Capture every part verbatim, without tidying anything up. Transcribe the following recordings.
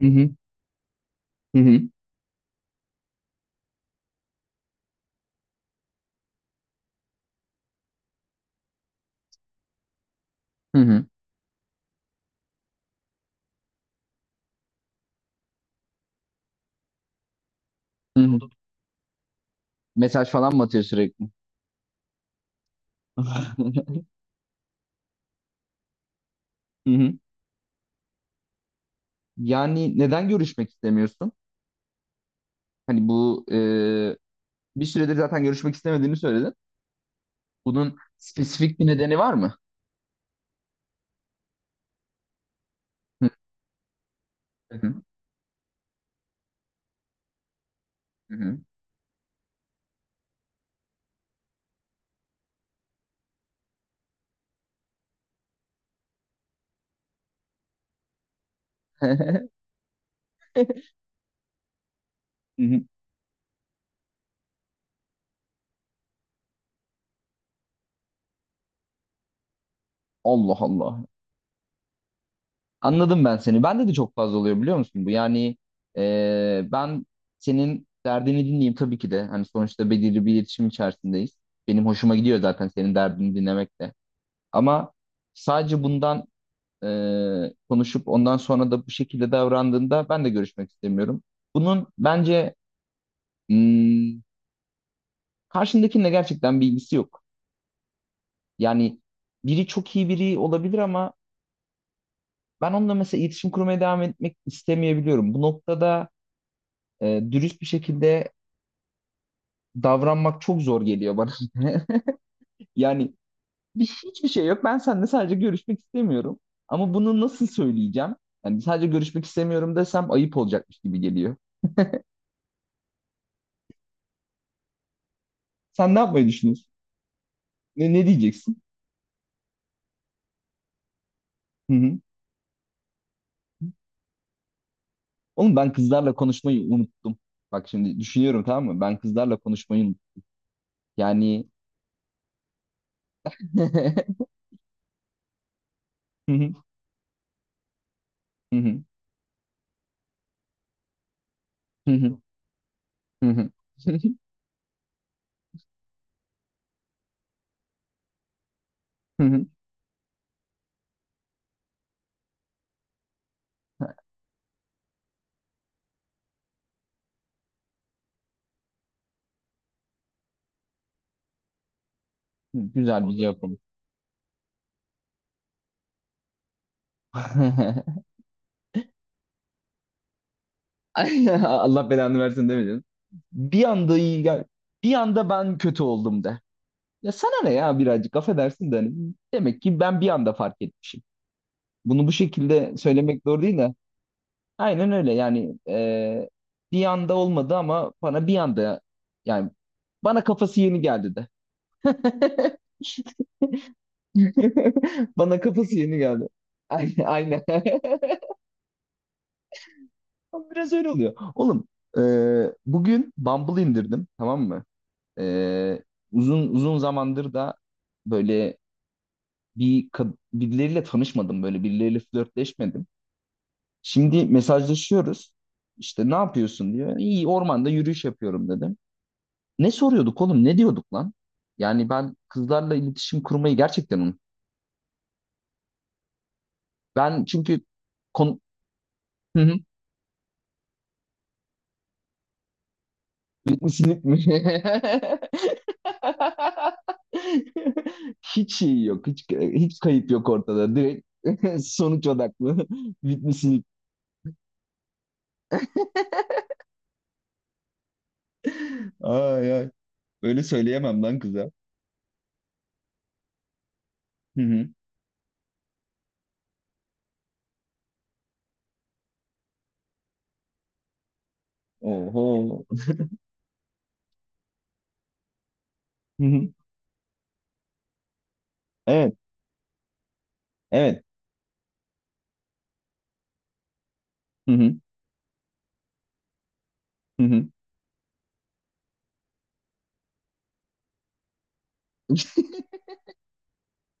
Hı hı. Hı hı. Hı hı. Hı hı. O. Mesaj falan mı atıyor sürekli? Hı hı. Yani neden görüşmek istemiyorsun? Hani bu e, bir süredir zaten görüşmek istemediğini söyledin. Bunun spesifik bir nedeni var mı? Hı hı. Hı hı. Hı hı. Allah Allah. Anladım ben seni. Bende de çok fazla oluyor biliyor musun bu? Yani e, ben senin derdini dinleyeyim tabii ki de. Hani sonuçta belirli bir iletişim içerisindeyiz. Benim hoşuma gidiyor zaten senin derdini dinlemek de. Ama sadece bundan e, konuşup ondan sonra da bu şekilde davrandığında ben de görüşmek istemiyorum. Bunun bence hmm, karşındakinle gerçekten bir ilgisi yok. Yani biri çok iyi biri olabilir ama ben onunla mesela iletişim kurmaya devam etmek istemeyebiliyorum. Bu noktada e, dürüst bir şekilde davranmak çok zor geliyor bana. Yani bir, hiçbir şey yok. Ben seninle sadece görüşmek istemiyorum. Ama bunu nasıl söyleyeceğim? Yani sadece görüşmek istemiyorum desem ayıp olacakmış gibi geliyor. Sen ne yapmayı düşünüyorsun? Ne, ne diyeceksin? Hı hı. Oğlum ben kızlarla konuşmayı unuttum. Bak şimdi düşünüyorum tamam mı? Ben kızlarla konuşmayı unuttum. Yani Hı hı, hı hı, hı hı, hı hı, hı hı. Hı hı. Güzel bir cevap oldu. Allah belanı versin demeyeceğim. Bir anda iyi gel. Bir anda ben kötü oldum de. Ya sana ne ya birazcık affedersin de hani demek ki ben bir anda fark etmişim. Bunu bu şekilde söylemek doğru değil. Aynen öyle yani e, bir anda olmadı ama bana bir anda yani bana kafası yeni geldi de. Bana kafası yeni geldi. Aynen aynen. Ama biraz öyle oluyor. Oğlum e, bugün Bumble indirdim tamam mı? E, uzun uzun zamandır da böyle bir kad- birileriyle tanışmadım, böyle birileriyle flörtleşmedim. Şimdi mesajlaşıyoruz. İşte ne yapıyorsun diyor. İyi, ormanda yürüyüş yapıyorum dedim. Ne soruyorduk oğlum? Ne diyorduk lan? Yani ben kızlarla iletişim kurmayı gerçekten unuttum. Ben çünkü kon... Hı hı. Bitmişsiniz mi? Hiç şey yok. Hiç, hiç kayıp yok ortada. Direkt sonuç odaklı. Bitmişsiniz. Ay ay. Öyle söyleyemem lan kıza. Hı hı. Oho. Hı hı. Evet. Evet. Hı hı. Hı hı.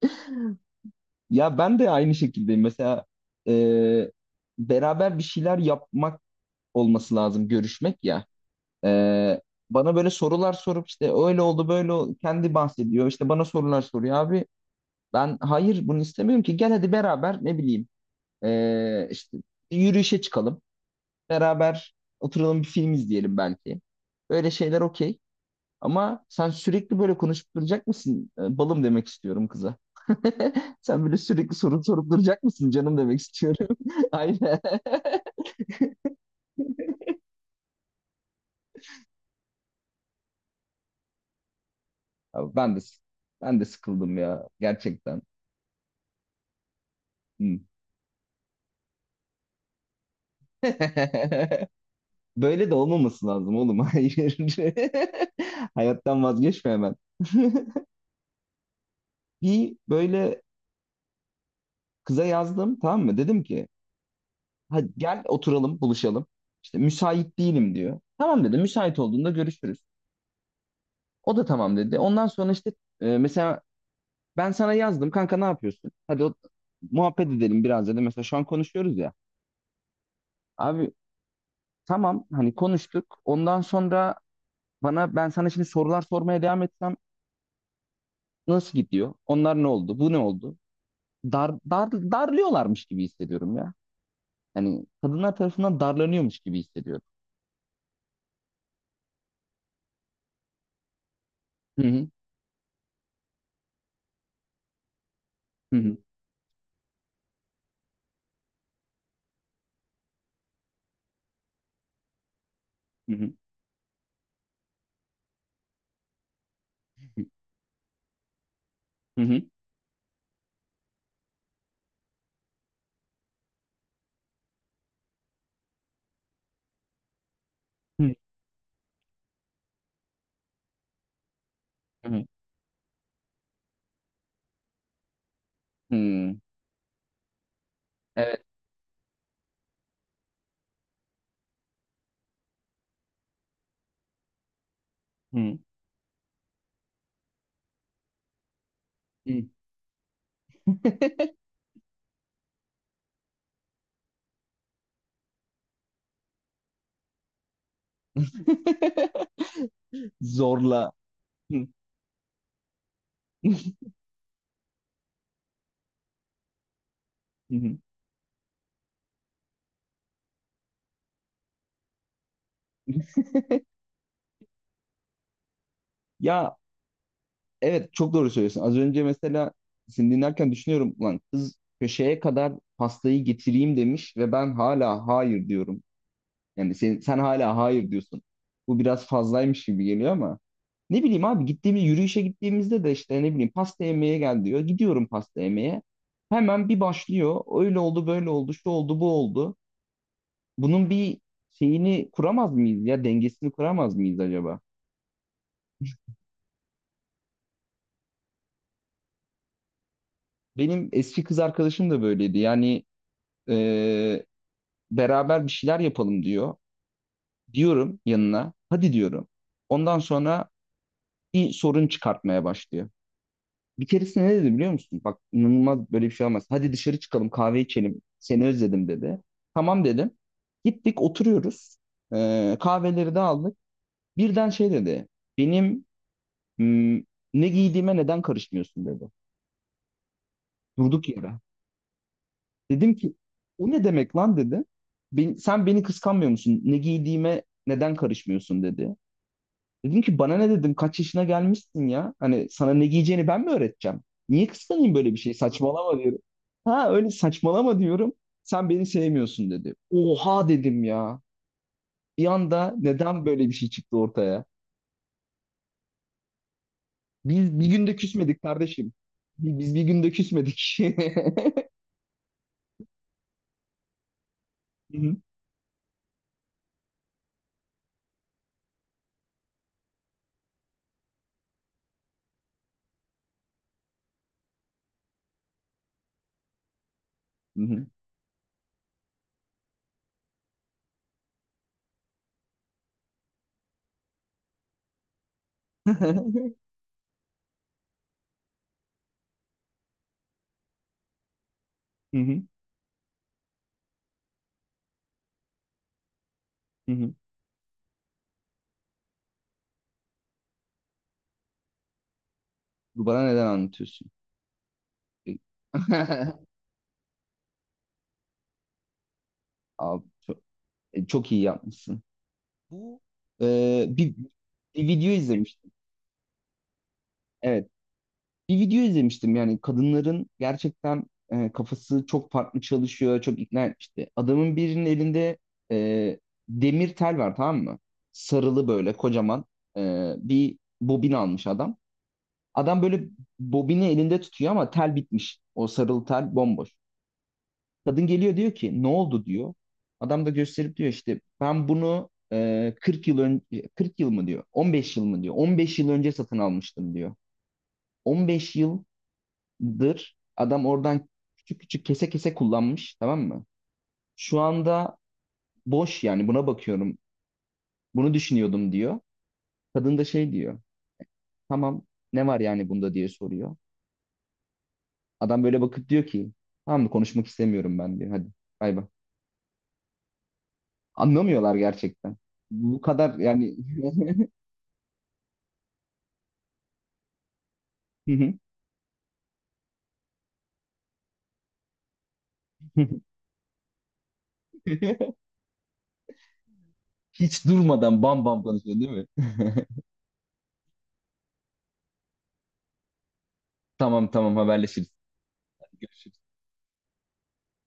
Ya ben de aynı şekildeyim. Mesela e, beraber bir şeyler yapmak olması lazım görüşmek ya. Ee, bana böyle sorular sorup işte öyle oldu böyle oldu, kendi bahsediyor. İşte bana sorular soruyor abi. Ben hayır, bunu istemiyorum ki. Gel hadi beraber, ne bileyim, ee, işte bir yürüyüşe çıkalım. Beraber oturalım, bir film izleyelim belki. Böyle şeyler okey. Ama sen sürekli böyle konuşup duracak mısın? Ee, Balım demek istiyorum kıza. Sen böyle sürekli soru sorup duracak mısın canım demek istiyorum. Aynen. Abi ben de ben de sıkıldım ya, gerçekten. Hı. Böyle de olmaması lazım oğlum. Hayır. Hayattan vazgeçme hemen. Bir böyle kıza yazdım tamam mı? Dedim ki hadi gel oturalım, buluşalım. İşte müsait değilim diyor. Tamam dedi, müsait olduğunda görüşürüz. O da tamam dedi. Ondan sonra işte e, mesela ben sana yazdım kanka, ne yapıyorsun? Hadi o, muhabbet edelim biraz dedi. Mesela şu an konuşuyoruz ya. Abi tamam, hani konuştuk. Ondan sonra bana ben sana şimdi sorular sormaya devam etsem, nasıl gidiyor? Onlar ne oldu? Bu ne oldu? Dar, dar, darlıyorlarmış gibi hissediyorum ya. Yani kadınlar tarafından darlanıyormuş gibi hissediyorum. Hı hı. Hı hı. Hı hı. Hı hı. Hı hı. Hı. Evet. Hı hı. Zorla. Hı. Hı hı. Ya evet, çok doğru söylüyorsun. Az önce mesela seni dinlerken düşünüyorum, lan kız köşeye kadar pastayı getireyim demiş ve ben hala hayır diyorum. Yani sen, sen hala hayır diyorsun. Bu biraz fazlaymış gibi geliyor ama ne bileyim abi, gittiğimiz yürüyüşe gittiğimizde de işte ne bileyim, pasta yemeye gel diyor. Gidiyorum pasta yemeye. Hemen bir başlıyor. Öyle oldu, böyle oldu, şu oldu, bu oldu. Bunun bir şeyini kuramaz mıyız ya? Dengesini kuramaz mıyız acaba? Benim eski kız arkadaşım da böyleydi. Yani eee, beraber bir şeyler yapalım diyor. Diyorum yanına. Hadi diyorum. Ondan sonra bir sorun çıkartmaya başlıyor. Bir keresinde ne dedi biliyor musun? Bak inanılmaz, böyle bir şey olmaz. Hadi dışarı çıkalım, kahve içelim. Seni özledim dedi. Tamam dedim. Gittik, oturuyoruz. Ee, kahveleri de aldık. Birden şey dedi. Benim hmm, ne giydiğime neden karışmıyorsun dedi. Durduk yere. Dedim ki o ne demek lan dedi. "Ben- sen beni kıskanmıyor musun? Ne giydiğime neden karışmıyorsun dedi. Dedim ki bana ne, dedim, kaç yaşına gelmişsin ya? Hani sana ne giyeceğini ben mi öğreteceğim? Niye kıskanayım böyle bir şey? Saçmalama diyorum. Ha öyle, saçmalama diyorum. Sen beni sevmiyorsun dedi. Oha dedim ya. Bir anda neden böyle bir şey çıktı ortaya? Biz bir günde küsmedik kardeşim. Bi- Biz bir günde küsmedik. Hı hı, hı hı, hı hı, hı hı. Bu bana neden anlatıyorsun? Abi çok, e, çok iyi yapmışsın. Bu Ee, bir, bir video izlemiştim. Evet. Bir video izlemiştim, yani kadınların gerçekten e, kafası çok farklı çalışıyor, çok ikna etmişti. Adamın birinin elinde e, demir tel var tamam mı? Sarılı böyle kocaman e, bir bobin almış adam. Adam böyle bobini elinde tutuyor ama tel bitmiş. O sarılı tel bomboş. Kadın geliyor, diyor ki ne oldu diyor. Adam da gösterip diyor, işte ben bunu e, kırk yıl önce, kırk yıl mı diyor on beş yıl mı diyor, on beş yıl önce satın almıştım diyor. on beş yıl dır. Adam oradan küçük küçük, kese kese kullanmış tamam mı? Şu anda boş, yani buna bakıyorum. Bunu düşünüyordum diyor. Kadın da şey diyor. Tamam, ne var yani bunda diye soruyor. Adam böyle bakıp diyor ki tamam mı, konuşmak istemiyorum ben diyor. Hadi bay bay. Anlamıyorlar gerçekten. Bu kadar yani hiç durmadan bam bam konuşuyor değil mi? Tamam tamam, haberleşiriz. Görüşürüz.